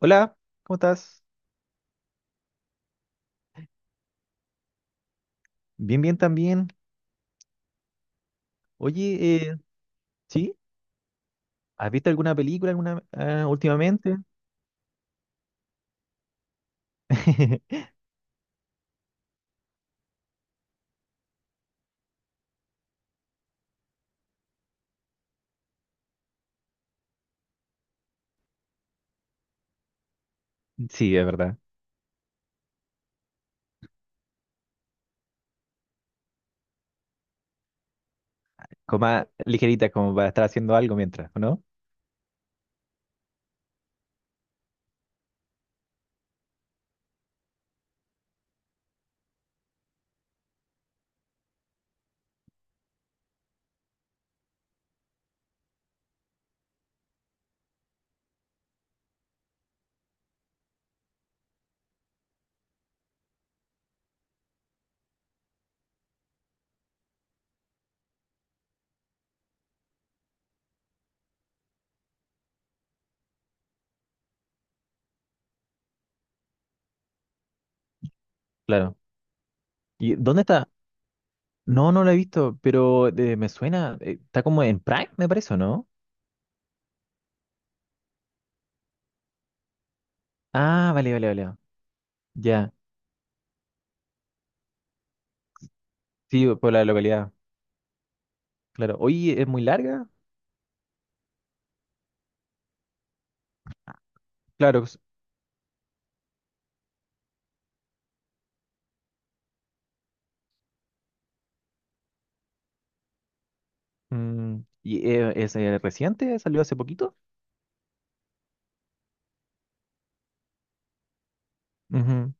Hola, ¿cómo estás? Bien, bien también. Oye, ¿sí? ¿Has visto alguna película alguna últimamente? Sí, es verdad. Como más ligerita, como para estar haciendo algo mientras, ¿o no? Claro. ¿Y dónde está? No, no la he visto, pero me suena. Está como en Prime, me parece, ¿o no? Ah, vale, vale, vale. Ya. Sí, por la localidad. Claro. Oye, ¿es muy larga? Claro. Mm, ¿Y es reciente? ¿Salió hace poquito? Ujú,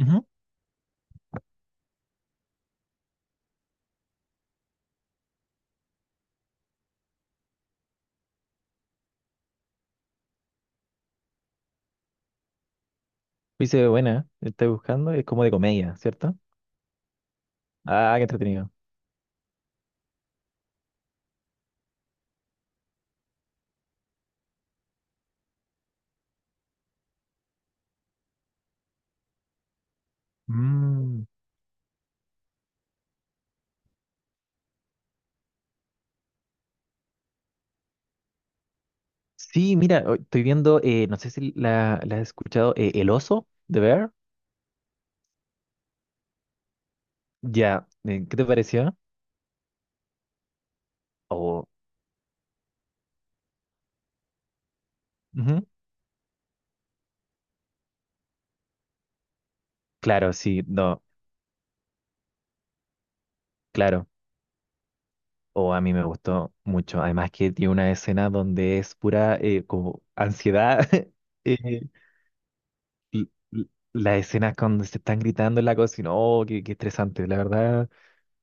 ujú. Uy, se ve buena, ¿eh? Estoy buscando, es como de comedia, ¿cierto? Ah, qué entretenido. Mm, Sí, mira, hoy estoy viendo, no sé si la has escuchado, El oso de Bear. Ya, ¿qué te pareció? Oh, ujú. Claro, sí, no, claro. O a mí me gustó mucho. Además que tiene una escena donde es pura como ansiedad. eh, l- l- las escenas cuando se están gritando en la cocina, oh, qué, qué estresante, la verdad.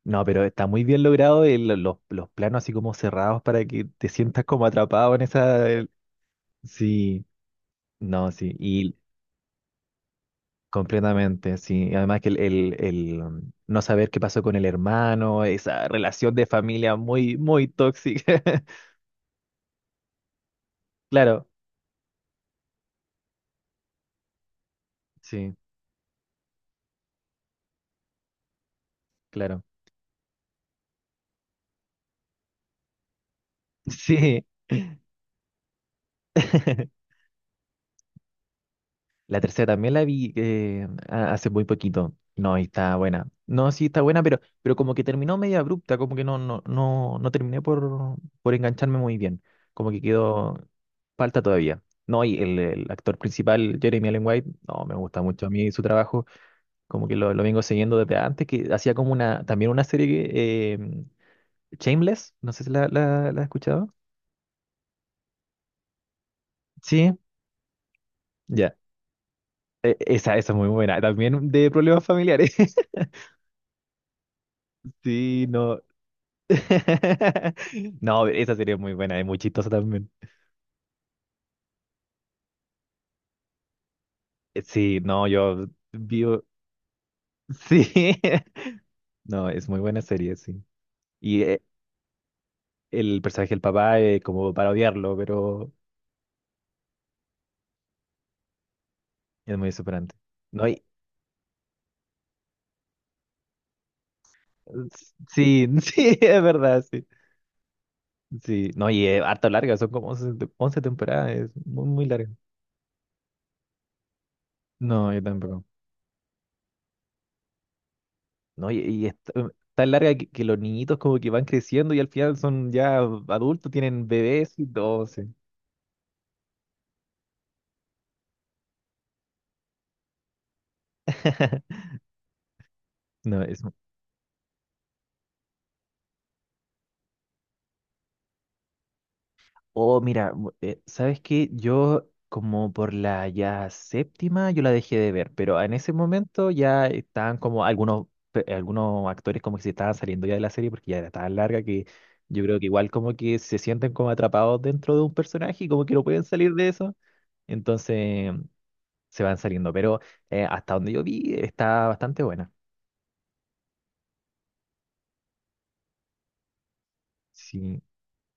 No, pero está muy bien logrado los planos así como cerrados para que te sientas como atrapado en esa. Sí, no, sí, y completamente, sí. Además que el no saber qué pasó con el hermano, esa relación de familia muy, muy tóxica. Claro, sí, claro. Sí. La tercera también la vi hace muy poquito. No, y está buena. No, sí está buena, pero como que terminó media abrupta, como que no, no, no, no terminé por engancharme muy bien. Como que quedó, falta todavía. No, y el actor principal, Jeremy Allen White, no, me gusta mucho a mí su trabajo. Como que lo vengo siguiendo desde antes, que hacía como una, también una serie que, Shameless, no sé si la has escuchado. Sí, ya. Esa es muy buena. También de problemas familiares. Sí, no. No, esa sería muy buena, es muy chistosa también. Sí, no, yo vivo. Sí, no, es muy buena serie, sí. Y el personaje del papá es como para odiarlo, pero es muy superante. No, y. Sí, sí, es verdad, sí. Sí, no, y es harto larga, son como 11 temporadas, es muy, muy larga. No, yo tampoco. No, y es tan larga que los niñitos como que van creciendo y al final son ya adultos, tienen bebés y todo, sí. No, Oh, mira, ¿sabes qué? Yo como por la ya séptima yo la dejé de ver, pero en ese momento ya estaban como algunos, algunos actores como que se estaban saliendo ya de la serie porque ya era tan larga que yo creo que igual como que se sienten como atrapados dentro de un personaje y como que no pueden salir de eso, entonces se van saliendo, pero hasta donde yo vi está bastante buena. Sí.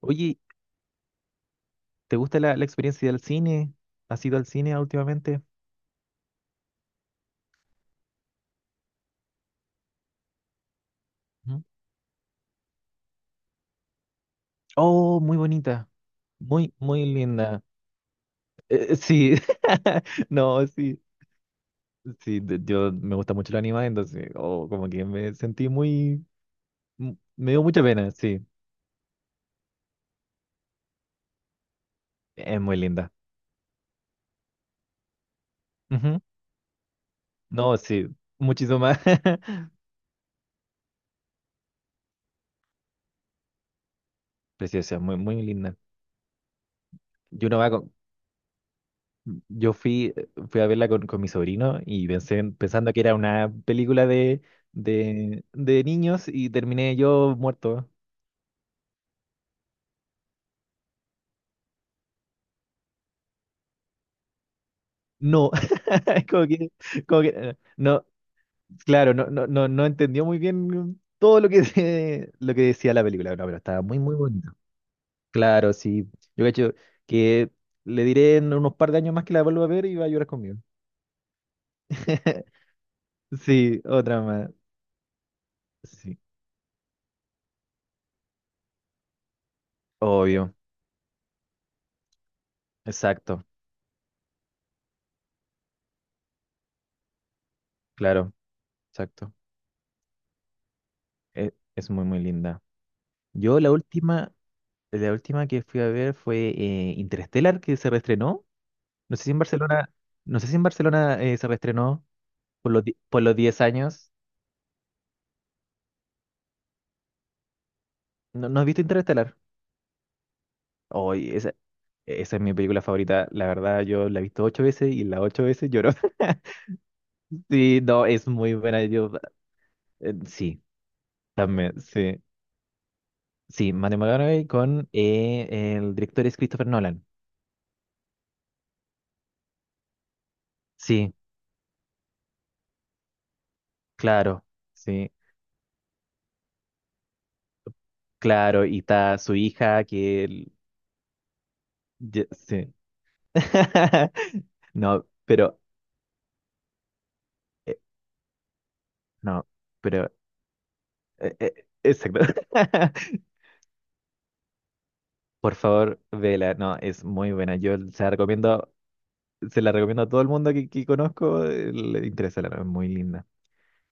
Oye, ¿te gusta la experiencia del cine? ¿Has ido al cine últimamente? Oh, muy bonita. Muy, muy linda. Sí, no, sí, sí, yo me gusta mucho el anime, entonces, oh, como que me sentí muy, me dio mucha pena, sí, es muy linda. Ujú. No, sí, muchísimo más. Preciosa, muy, muy linda. Yo, no va con- yo fui, fui a verla con mi sobrino y pensando que era una película de, de niños y terminé yo muerto. No, como que, como que, no. Claro, no, no, no, no entendió muy bien todo lo que, lo que decía la película, no, pero estaba muy, muy bonito. Claro, sí. Yo cacho que le diré en unos par de años más que la vuelva a ver y va a llorar conmigo. Sí, otra más. Sí, obvio. Exacto, claro, exacto. Es muy, muy linda. Yo la última que fui a ver fue Interstellar, que se reestrenó. No sé si en Barcelona, no sé si en Barcelona se reestrenó por los 10 años. ¿No, no has visto Interstellar? Hoy, esa es mi película favorita. La verdad, yo la he visto 8 veces y las 8 veces lloro. Sí, no, es muy buena. Yo, sí, también, sí. Sí, Matthew McConaughey con el director es Christopher Nolan. Sí, claro, sí, claro. Y está su hija que. Sí. No, pero... eh, no, pero, exacto. Por favor, vela. No, es muy buena. Yo se la recomiendo a todo el mundo que conozco, le interesa la novela, es muy linda.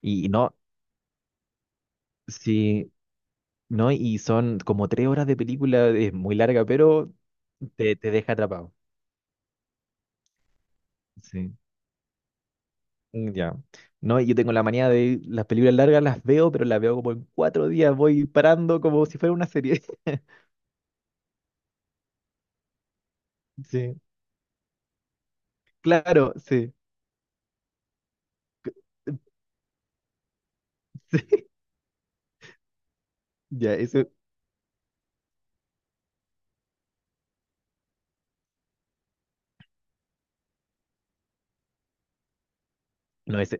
Y no, sí, no, y son como 3 horas de película, es muy larga, pero te deja atrapado. Sí, mm, ya. No, y yo tengo la manía de las películas largas las veo, pero las veo como en 4 días, voy parando como si fuera una serie. Sí, claro, sí. Sí, ya, eso. No. es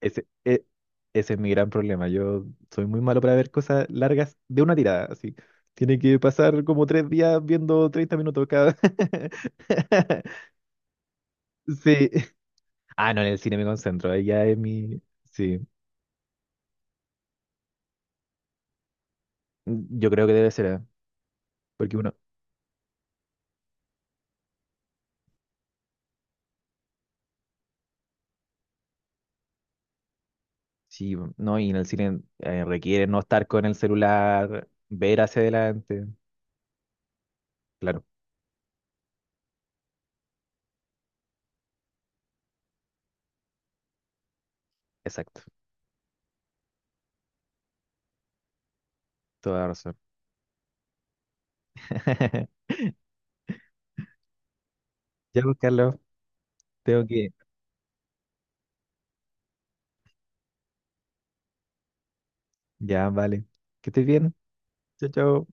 Ese, e- ese es mi gran problema. Yo soy muy malo para ver cosas largas de una tirada, así. Tiene que pasar como 3 días viendo 30 minutos cada. Sí. Ah, no, en el cine me concentro. Ahí ya es mi. Sí. Yo creo que debe ser, ¿eh? Porque uno. Sí, no, y en el cine requiere no estar con el celular, ver hacia adelante. Claro, exacto. Toda razón. Ya, pues, Carlos, tengo que. Ya, vale. Que estés bien. Chao, chao.